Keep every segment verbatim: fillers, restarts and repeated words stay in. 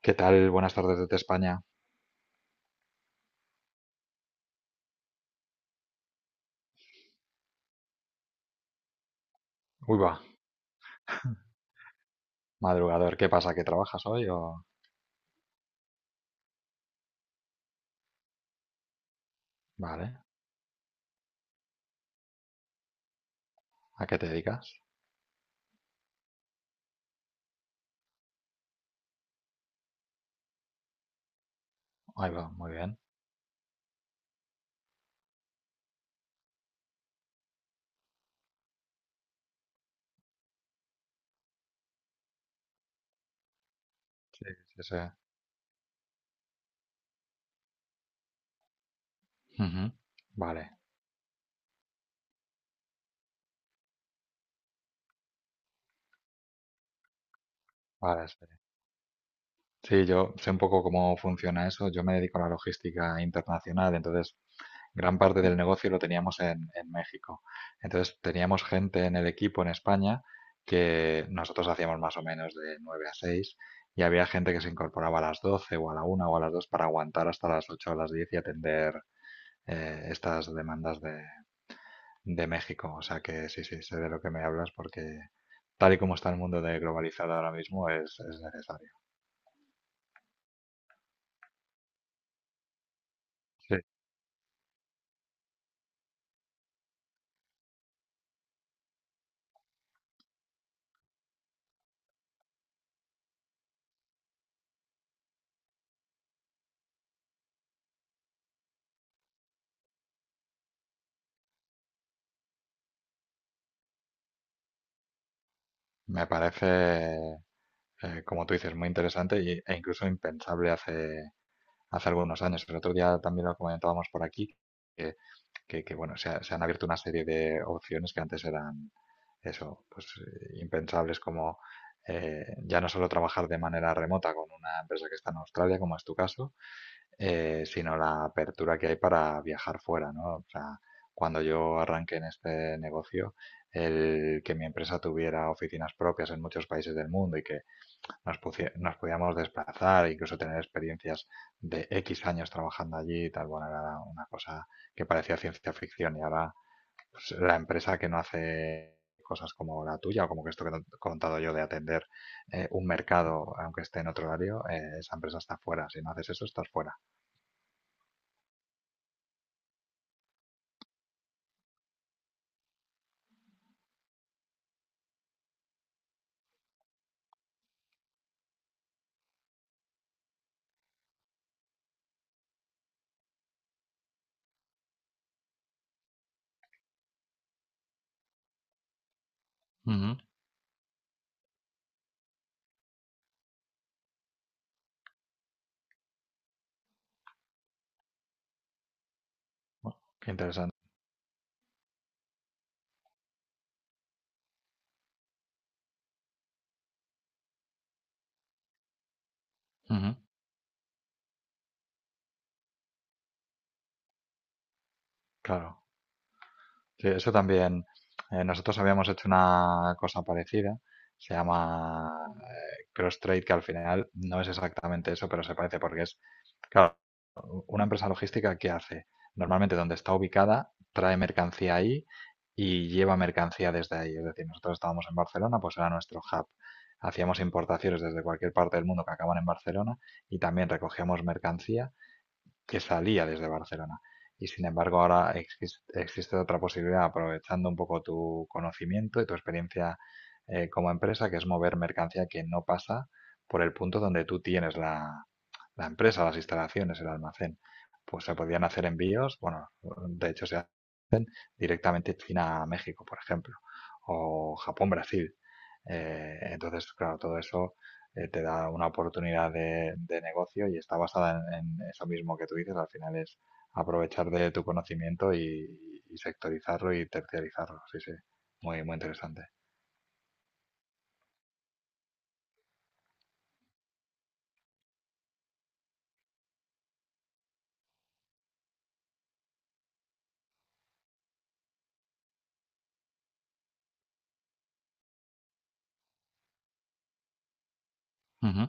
¿Qué tal? Buenas tardes desde España. Uy, va, madrugador. ¿Qué pasa? ¿Que trabajas hoy o...? Vale. ¿A qué te dedicas? Ahí va, muy bien. Sí, sí, sí. Ujú. Vale, vale, sí. Sí, yo sé un poco cómo funciona eso. Yo me dedico a la logística internacional, entonces gran parte del negocio lo teníamos en, en México. Entonces teníamos gente en el equipo en España que nosotros hacíamos más o menos de nueve a seis. Y había gente que se incorporaba a las doce o a la una o a las dos para aguantar hasta las ocho o las diez y atender eh, estas demandas de, de México. O sea que sí, sí, sé de lo que me hablas porque tal y como está el mundo de globalizado ahora mismo es, es necesario. Sí, me parece, eh, como tú dices, muy interesante y- e incluso impensable hace, hace algunos años. El otro día también lo comentábamos por aquí, que, que, que, bueno, se, ha- se han abierto una serie de opciones que antes eran eso, pues eh, impensables como... eh, ya no solo trabajar de manera remota con una empresa que está en Australia, como es tu caso, eh, sino la apertura que hay para viajar fuera, ¿no? O sea, cuando yo arranqué en este negocio, el que mi empresa tuviera oficinas propias en muchos países del mundo y que nos, pusie- nos pudiéramos desplazar, e incluso tener experiencias de X años trabajando allí y tal, bueno, era una cosa que parecía ciencia ficción y ahora pues, la empresa que no hace cosas como la tuya o como que esto que te he contado yo de atender eh, un mercado aunque esté en otro horario, eh, esa empresa está fuera. Si no haces eso, estás fuera. Bueno, Qué interesante. Ujú, claro. Sí, eso también. Eh, nosotros habíamos hecho una cosa parecida. Se llama eh, CrossTrade, que al final no es exactamente eso, pero se parece porque es, claro, una empresa logística que hace normalmente donde está ubicada, trae mercancía ahí y lleva mercancía desde ahí. Es decir, nosotros estábamos en Barcelona, pues era nuestro hub. Hacíamos importaciones desde cualquier parte del mundo que acaban en Barcelona y también recogíamos mercancía que salía desde Barcelona. Y sin embargo, ahora exis- existe otra posibilidad, aprovechando un poco tu conocimiento y tu experiencia eh, como empresa, que es mover mercancía que no pasa por el punto donde tú tienes la, la empresa, las instalaciones, el almacén. Pues se podían hacer envíos, bueno, de hecho se directamente China-México, por ejemplo, o Japón-Brasil. Eh, entonces, claro, todo eso eh, te da una oportunidad de, de negocio y está basada en, en eso mismo que tú dices. Al final es aprovechar de tu conocimiento y, y sectorizarlo y terciarizarlo. Sí, sí, muy, muy interesante. Ujú,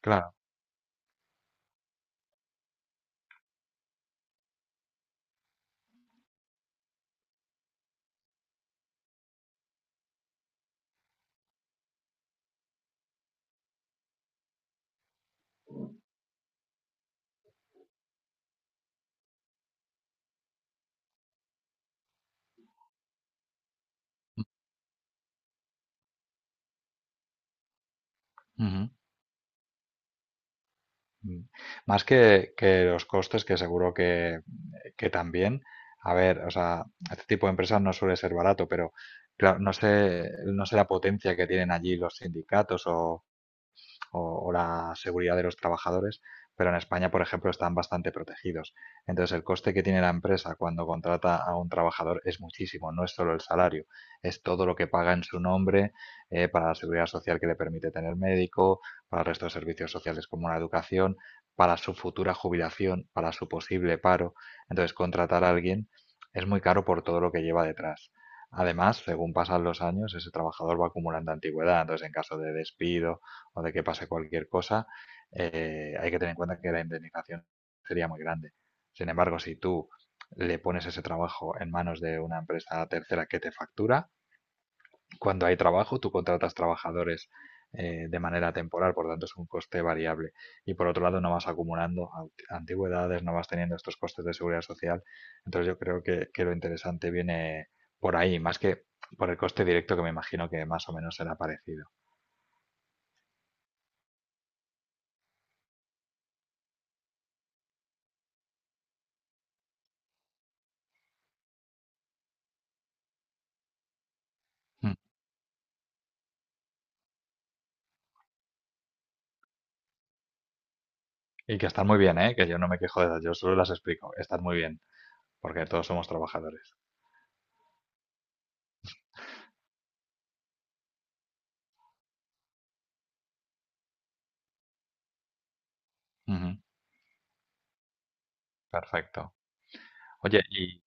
claro. Ujú. Mm. Más que, que los costes, que seguro que, eh, que también, a ver, o sea, este tipo de empresas no suele ser barato, pero claro, no sé, no sé la potencia que tienen allí los sindicatos o, o, o la seguridad de los trabajadores, pero en España, por ejemplo, están bastante protegidos. Entonces, el coste que tiene la empresa cuando contrata a un trabajador es muchísimo, no es solo el salario, es todo lo que paga en su nombre eh, para la seguridad social que le permite tener médico, para el resto de servicios sociales como la educación, para su futura jubilación, para su posible paro. Entonces, contratar a alguien es muy caro por todo lo que lleva detrás. Además, según pasan los años, ese trabajador va acumulando antigüedad. Entonces, en caso de despido o de que pase cualquier cosa, eh, hay que tener en cuenta que la indemnización sería muy grande. Sin embargo, si tú le pones ese trabajo en manos de una empresa tercera que te factura, cuando hay trabajo, tú contratas trabajadores eh, de manera temporal, por tanto es un coste variable. Y por otro lado, no vas acumulando antigüedades, no vas teniendo estos costes de seguridad social. Entonces yo creo que, que lo interesante viene por ahí, más que por el coste directo que me imagino que más o menos será parecido. Mm. Y que están muy bien, ¿eh? Que yo no me quejo de ellas, yo solo las explico. Están muy bien, porque todos somos trabajadores. Ujú, perfecto. Oye, ¿y,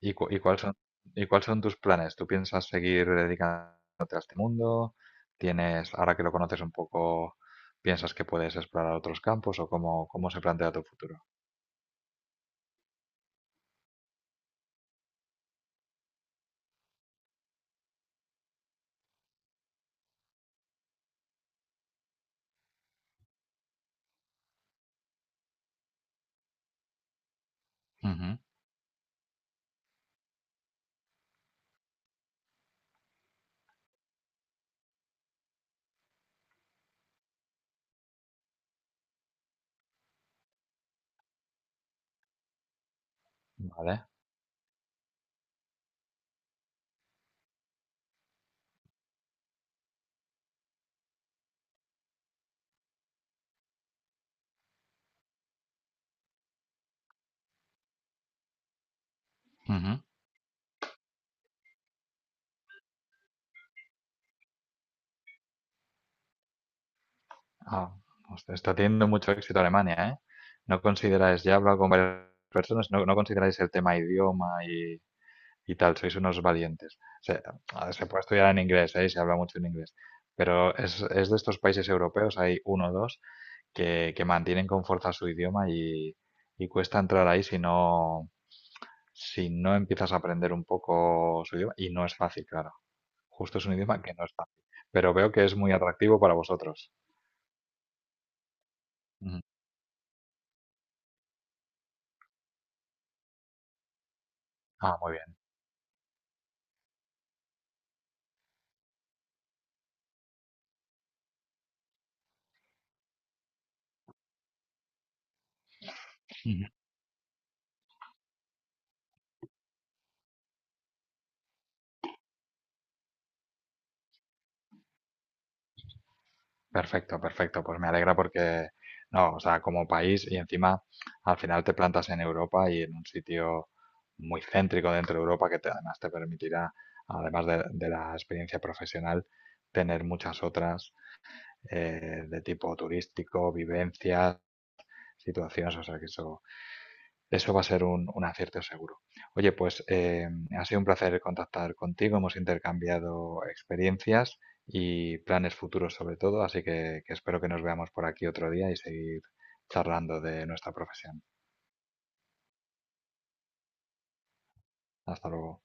y, cu- y cuáles son, y cuáles son tus planes? ¿Tú piensas seguir dedicándote a este mundo? ¿Tienes, ahora que lo conoces un poco, piensas que puedes explorar otros campos o cómo, cómo se plantea tu futuro? Ujú, vale. Ujú. Ah, hostia, está teniendo mucho éxito Alemania, ¿eh? ¿No consideráis, ya he hablado con varias personas, no, no consideráis el tema idioma y tal, sois unos valientes. Se, a- se puede estudiar en inglés, ¿eh? Y se habla mucho en inglés, pero es, es de estos países europeos, hay uno o dos, que, que mantienen con fuerza su idioma y, y cuesta entrar ahí si no, si no empiezas a aprender un poco su idioma, y no es fácil, claro. Justo es un idioma que no es fácil, pero veo que es muy atractivo para vosotros. Ujú. Ah, muy bien. Perfecto, perfecto. Pues me alegra porque, no, o sea, como país y encima al final te plantas en Europa y en un sitio muy céntrico dentro de Europa que te- además te permitirá, además de, de la experiencia profesional, tener muchas otras eh, de tipo turístico, vivencias, situaciones, o sea que eso eso va a ser un, un acierto seguro. Oye, pues eh, ha sido un placer contactar contigo, hemos intercambiado experiencias y planes futuros sobre todo, así que que espero que nos veamos por aquí otro día y seguir charlando de nuestra profesión. Hasta luego.